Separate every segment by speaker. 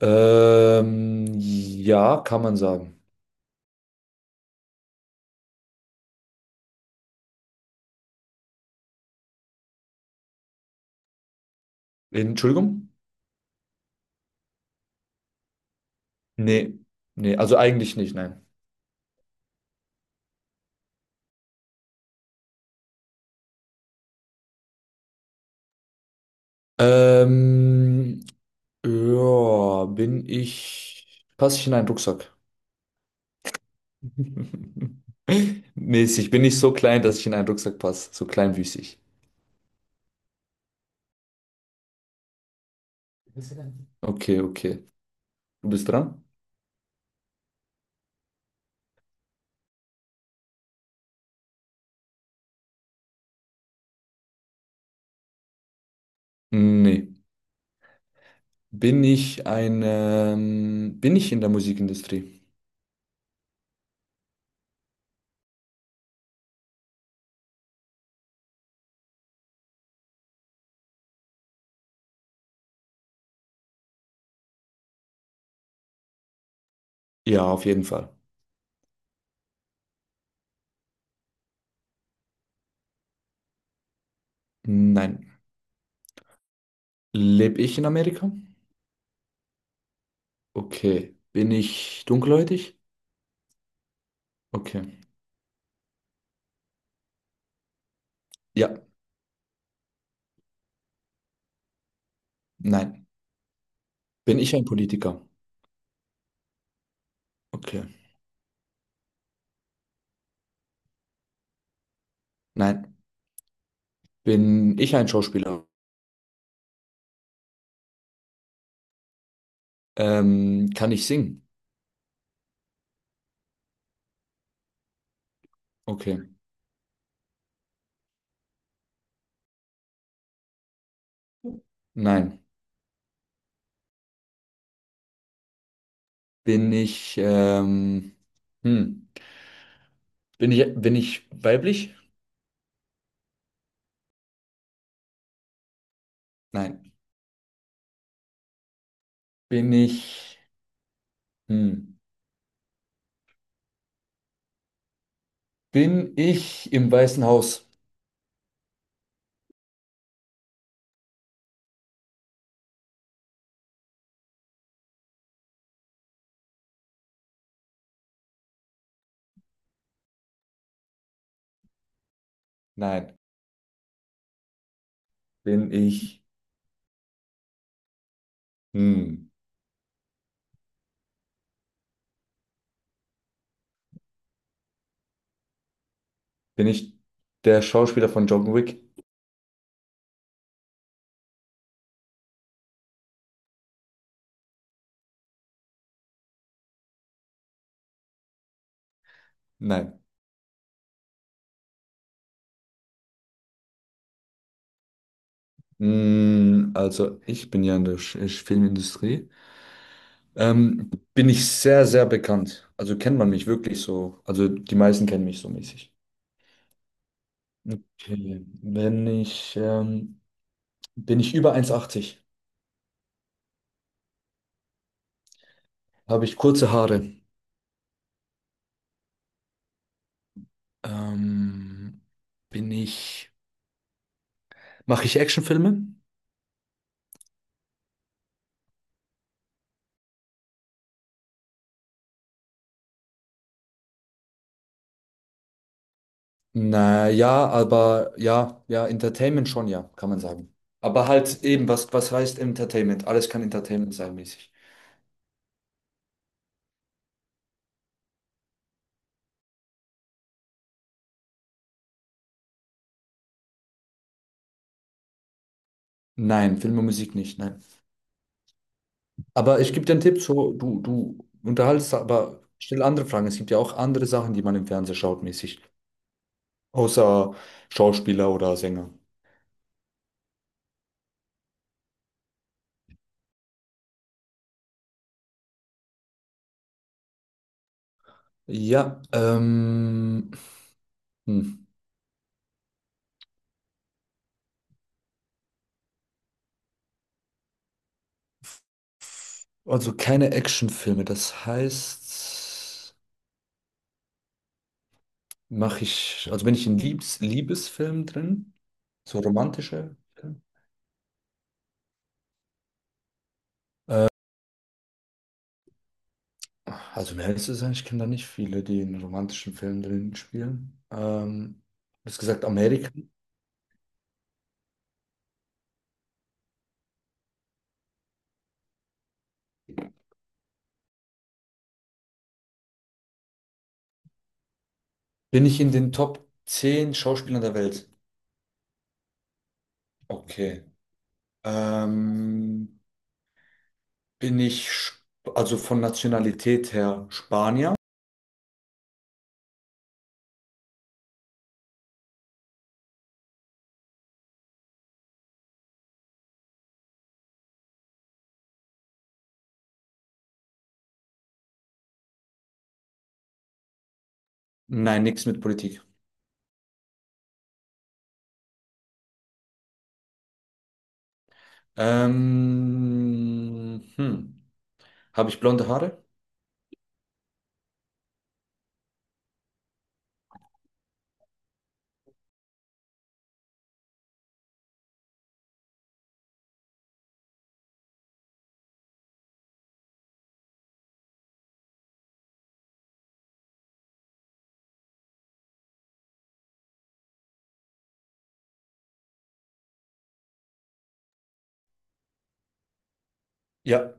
Speaker 1: Ja, kann man sagen. Entschuldigung? Nee, nee, also eigentlich nicht, nein. Ähm, ja, passe ich in einen Rucksack? Mäßig, bin ich so klein, dass ich in einen Rucksack passe, so kleinwüchsig. Okay, okay. Du bist dran? Nee. Bin ich in der Musikindustrie? Ja, auf jeden Fall. Nein. Lebe ich in Amerika? Okay. Bin ich dunkelhäutig? Okay. Ja. Nein. Bin ich ein Politiker? Okay. Nein. Bin ich ein Schauspieler? Kann ich singen? Okay. Nein. Bin ich, hm. Bin ich weiblich? Nein. Bin ich, hm. Bin ich im Weißen Haus? Nein. Bin ich, hm. Bin ich der Schauspieler von John Wick? Nein. Also ich bin ja in der Filmindustrie. Bin ich sehr, sehr bekannt. Also kennt man mich wirklich so. Also die meisten kennen mich so mäßig. Okay. Wenn ich, Bin ich über eins Komma achtzig? Habe ich kurze Haare? Ähm, bin ich, Mache ich Actionfilme? Naja, aber ja, ja, Entertainment schon, ja, kann man sagen. Aber halt eben, was heißt Entertainment? Alles kann Entertainment sein mäßig. Nein, Film und Musik nicht, nein. Aber ich gebe dir einen Tipp, so, du unterhaltest, aber stell andere Fragen. Es gibt ja auch andere Sachen, die man im Fernsehen schaut, mäßig. Außer Schauspieler oder Sänger. Ja, ähm, hm. Also keine Actionfilme. Das heißt, also bin ich in Liebesfilmen drin, so romantische Filme. Ach, also mehr ist es eigentlich, ich kenne da nicht viele, die in romantischen Filmen drin spielen. Du hast gesagt, Amerika. Bin ich in den Top 10 Schauspielern der Welt? Okay. Ähm, bin ich, Sp- also von Nationalität her Spanier? Nein, nichts mit Politik. Ähm, hm. Habe ich blonde Haare? Ja.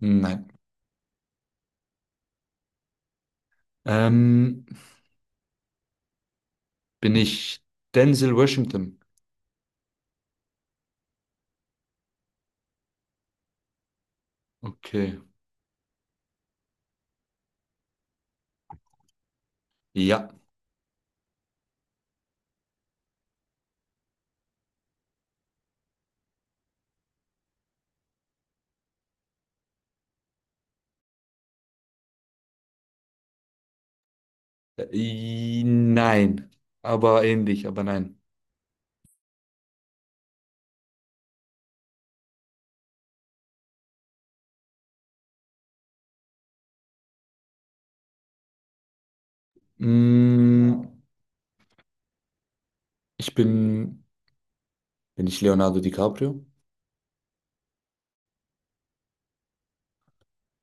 Speaker 1: Nein. Ähm, Bin ich Denzel Washington? Okay. Ja. Nein. Aber ähnlich, aber nein. Mm, ich bin, bin ich Leonardo DiCaprio?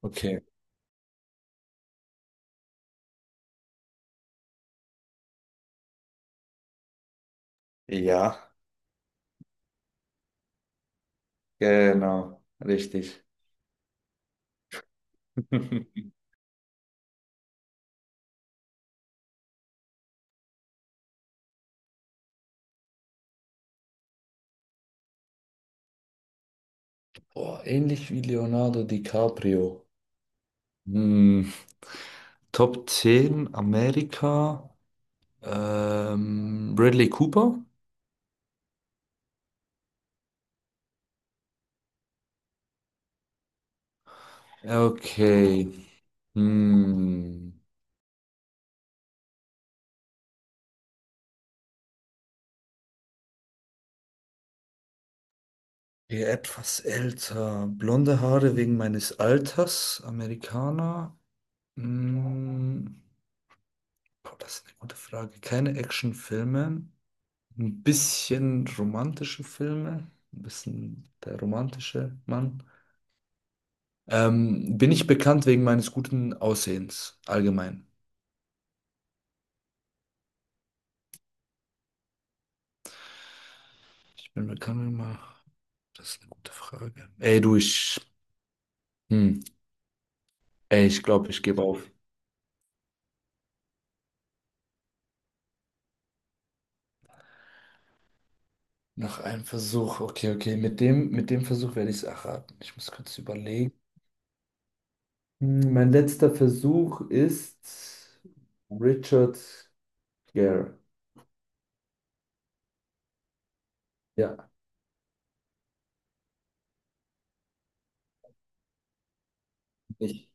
Speaker 1: Okay. Ja, genau. Richtig. Boah, ähnlich wie Leonardo DiCaprio. Hm, Top 10 Amerika. Bradley Cooper? Okay. Hm. Hier etwas älter. Blonde Haare wegen meines Alters. Amerikaner. Hm. Boah, das ist eine gute Frage. Keine Actionfilme. Ein bisschen romantische Filme. Ein bisschen der romantische Mann. Bin ich bekannt wegen meines guten Aussehens allgemein? Ich bin bekannt immer. Das ist eine gute Frage. Ey, du, ich. Hm. Ey, ich glaube, ich gebe auf. Nach einem Versuch. Okay, okay. Mit dem Versuch werde ich es erraten. Ich muss kurz überlegen. Hm, mein letzter Versuch ist Richard Gere. Ja, ich.